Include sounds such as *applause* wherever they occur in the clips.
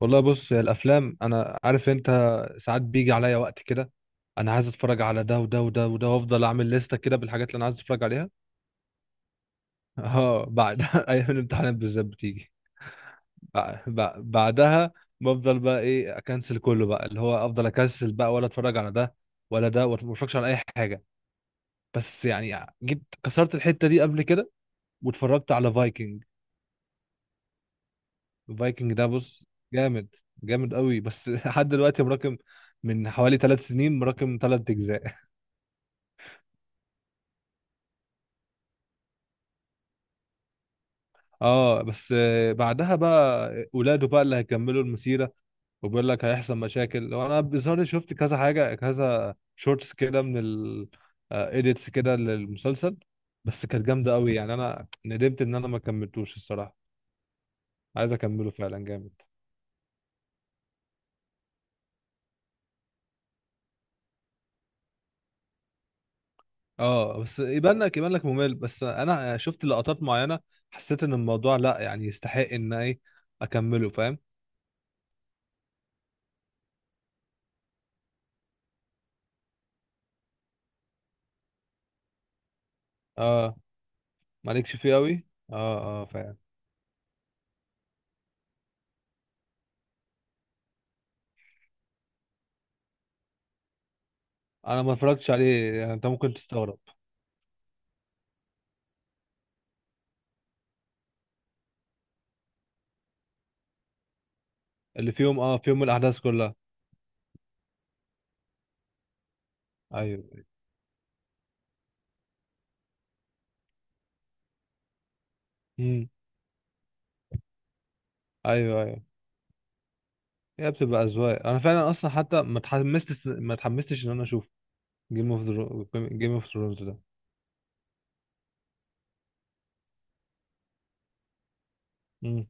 والله بص يا الافلام، انا عارف انت ساعات بيجي عليا وقت كده. انا عايز اتفرج على ده وده وده وده وافضل اعمل لستة كده بالحاجات اللي انا عايز اتفرج عليها. اه، بعد *laughs* ايام الامتحانات بالذات بتيجي بعدها. بفضل بقى ايه، اكنسل كله بقى، اللي هو افضل اكنسل بقى ولا اتفرج على ده ولا ده، وما اتفرجش على اي حاجة. بس يعني جيت كسرت الحتة دي قبل كده، واتفرجت على فايكنج. فايكنج ده بص، جامد، جامد قوي. بس *laughs* لحد دلوقتي مراكم من حوالي 3 سنين، مراكم 3 اجزاء. اه بس، آه، بعدها بقى ولاده بقى اللي هيكملوا المسيرة. وبيقول لك هيحصل مشاكل لو انا بظهر. شفت كذا حاجة، كذا شورتس كده من ال آه، edits كده للمسلسل. بس كانت جامدة قوي يعني، انا ندمت ان انا ما كملتوش الصراحة. عايز اكمله فعلا، جامد. اه بس، يبان لك ممل، بس انا شفت لقطات معينة، حسيت ان الموضوع لا يعني يستحق ان ايه اكمله، فاهم. اه، مالكش فيه قوي، اه. اه، فاهم. انا ما اتفرجتش عليه يعني، انت ممكن تستغرب. اللي في يوم، اه، في يوم الاحداث كلها. ايوه. امم. ايوه ايوه. هي بتبقى اذواق. انا فعلا اصلا حتى ما اتحمستش ان انا اشوف جيم اوف جيم اوف ثرونز ده. امم.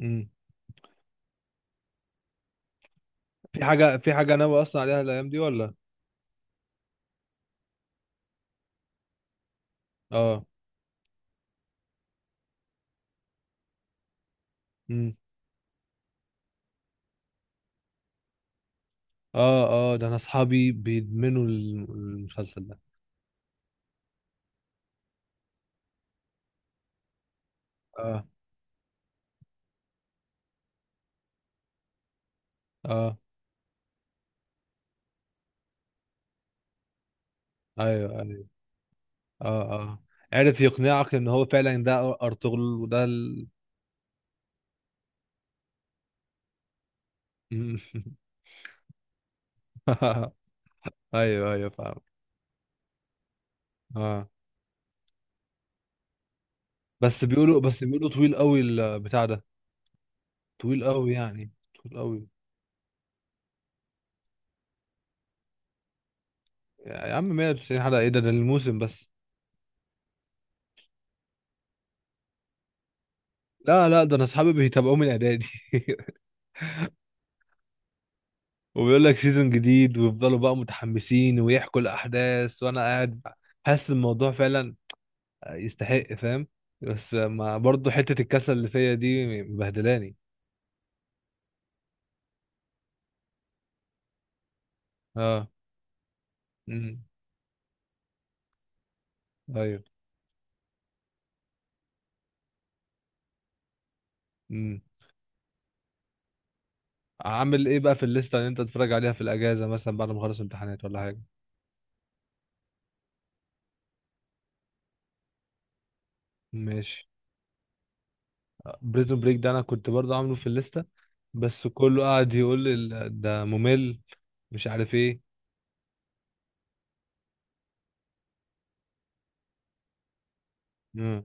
امم. في حاجه ناوي اصلا عليها الايام دي ولا؟ اه. امم. اه اه، ده انا اصحابي بيدمنوا المسلسل ده. اه اه. ايوه ايوه. اه اه. عرف يقنعك ان هو فعلا ده ارطغرل وده ال... *laughs* ايوه ايوه، فاهم. اه بس، بيقولوا طويل قوي البتاع ده. طويل قوي يعني، طويل قوي. يا عم 190 حلقة؟ ايه ده؟ ده الموسم بس. لا لا، ده انا اصحابي بيتابعوه من اعدادي. *laughs* وبيقول لك سيزون جديد، ويفضلوا بقى متحمسين ويحكوا الاحداث وانا قاعد. حاسس الموضوع فعلا يستحق، فاهم. بس ما برضه حتة الكسل اللي فيا دي مبهدلاني. اه. امم. ايوه. امم. عامل ايه بقى في الليسته اللي انت تتفرج عليها في الاجازه، مثلا بعد ما اخلص امتحانات ولا حاجه؟ ماشي. بريزون بريك ده انا كنت برضه عامله في الليسته، بس كله قاعد يقول لي ده ممل، مش عارف ايه. مم.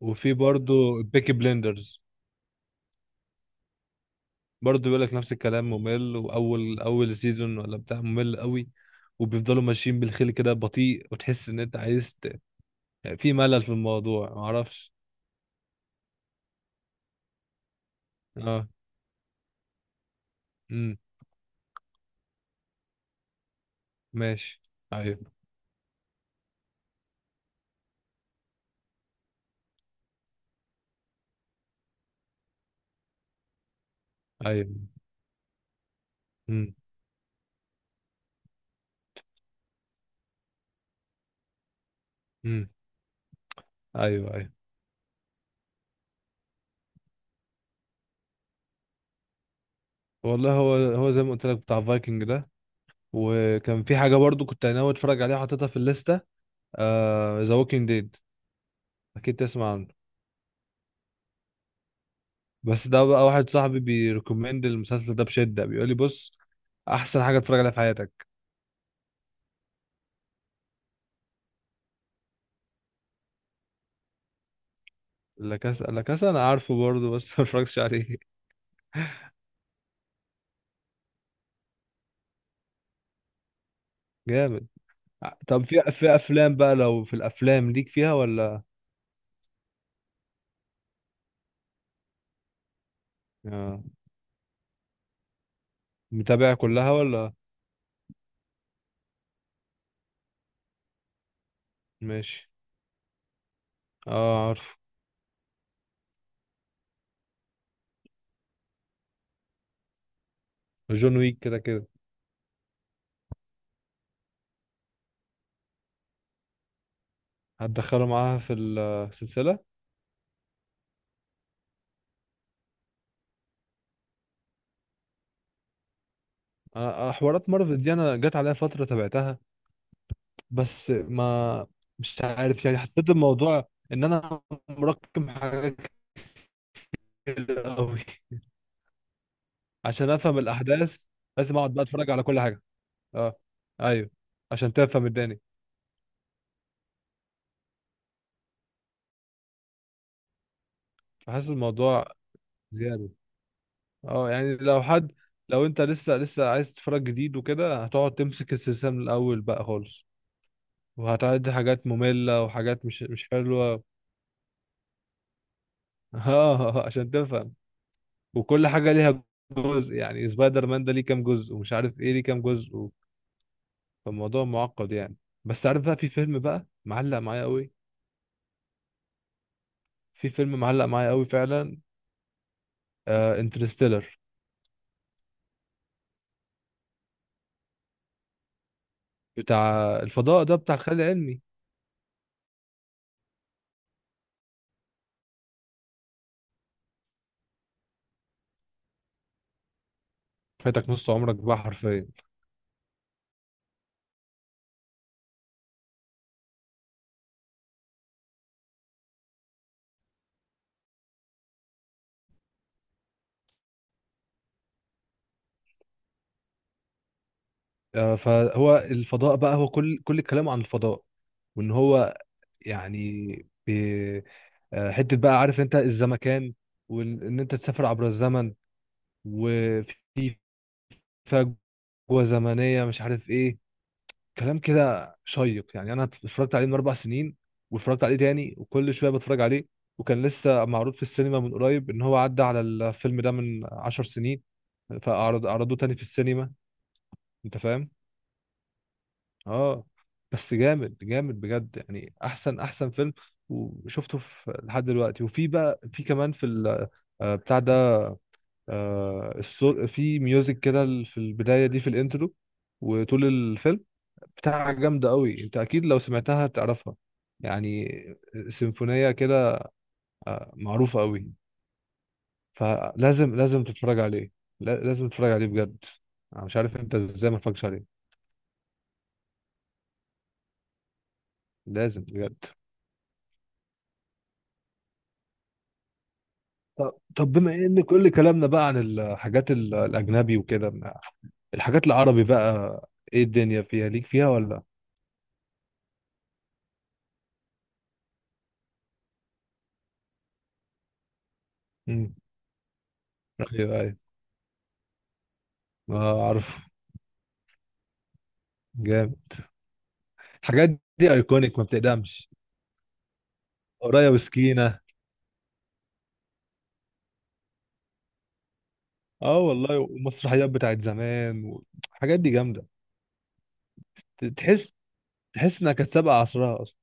وفي برضه بيكي بليندرز. برضه بيقول لك نفس الكلام، ممل، واول اول سيزون ولا بتاع ممل قوي. وبيفضلوا ماشيين بالخيل كده بطيء، وتحس ان انت عايز ت... في ملل في الموضوع، معرفش. اه. امم. ماشي. ايوه ايوه. امم. امم. ايوه ايوه. والله، هو هو زي ما قلت لك بتاع فايكنج ده. وكان في حاجه برضو كنت ناوي اتفرج عليها، حاططها في الليسته: ذا ووكينج ديد. اكيد تسمع عنه. بس ده بقى واحد صاحبي بيريكومند المسلسل ده بشده، بيقول لي: بص، احسن حاجه اتفرج عليها في حياتك. لا كاسا، لا كاسا انا عارفه برضه، بس *laughs* ما اتفرجش عليه. جامد. ع- طب، في افلام بقى؟ لو في الافلام ليك فيها ولا؟ آه، متابع كلها ولا؟ ماشي. اه، عارفه. جون ويك كده كده. هتدخله معاها في السلسله. آه، آه، حوارات مارفل دي انا جت عليها فتره تابعتها. بس ما، مش عارف يعني، حسيت الموضوع ان انا مركم حاجات كتير قوي. عشان افهم الاحداث لازم اقعد بقى اتفرج على كل حاجه. اه. ايوه. عشان تفهم الدنيا. فحاسس الموضوع زياده. اه يعني، لو حد، لو انت لسه لسه عايز تتفرج جديد وكده، هتقعد تمسك السلسله من الاول بقى خالص. وهتعدي حاجات ممله وحاجات مش حلوه. اه *laughs* عشان تفهم. وكل حاجه ليها جزء. يعني سبايدر مان ده ليه كام جزء، ومش عارف ايه ليه كام جزء. فالموضوع معقد يعني. بس عارف بقى، في فيلم بقى معلق معايا قوي. في فيلم معلق معايا قوي فعلا: آه، انترستيلر. بتاع الفضاء ده، بتاع الخيال العلمي. فاتك نص عمرك بقى حرفيا. آه، فهو الفضاء بقى، هو كل كلامه عن الفضاء. وان هو يعني، بي- آه، حته بقى، عارف انت الزمكان، وان انت تسافر عبر الزمن، وفي فجوه زمنيه، مش عارف ايه، كلام كده شيق يعني. انا اتفرجت عليه من 4 سنين، واتفرجت عليه تاني، وكل شويه بتفرج عليه. وكان لسه معروض في السينما من قريب، ان هو عدى على الفيلم ده من 10 سنين، فاعرض عرضوه تاني في السينما. انت فاهم. اه. بس جامد، جامد بجد، يعني احسن، احسن فيلم وشفته في لحد دلوقتي. وفي بقى، في كمان في آه، بتاع ده، آه، الصوت في ميوزك كده في البدايه دي في الانترو وطول الفيلم بتاع، جامدة قوي. انت اكيد لو سمعتها تعرفها يعني، سيمفونية كده، معروفة قوي. فلازم تتفرج عليه. لازم تتفرج عليه بجد. انا مش عارف انت ازاي ما اتفرجتش عليه. لازم بجد. طب طب، بما ان كل كلامنا بقى عن الحاجات الاجنبي وكده، الحاجات العربي بقى، ايه الدنيا فيها؟ ليك فيها ولا؟ امم. ايوه ايوه، ما اعرف. جامد. الحاجات دي ايكونيك، ما بتقدمش. قرايه وسكينه. اه والله، ومسرحيات بتاعت زمان والحاجات دي جامده. تحس، تحس انها كانت سابقه عصرها اصلا.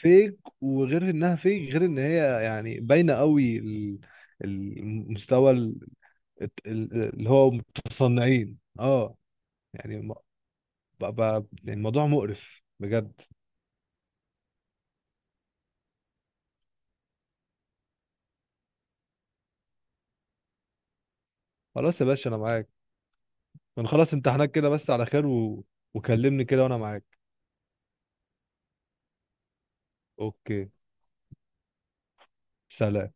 فيك، وغير انها فيك، غير ان هي يعني باينه قوي المستوى، اللي هو متصنعين، اه. يعني يعني الموضوع مقرف بجد. خلاص يا باشا، انا معاك. بنخلص امتحانات كده بس على خير، و... وكلمني كده وانا معاك. اوكي. سلام.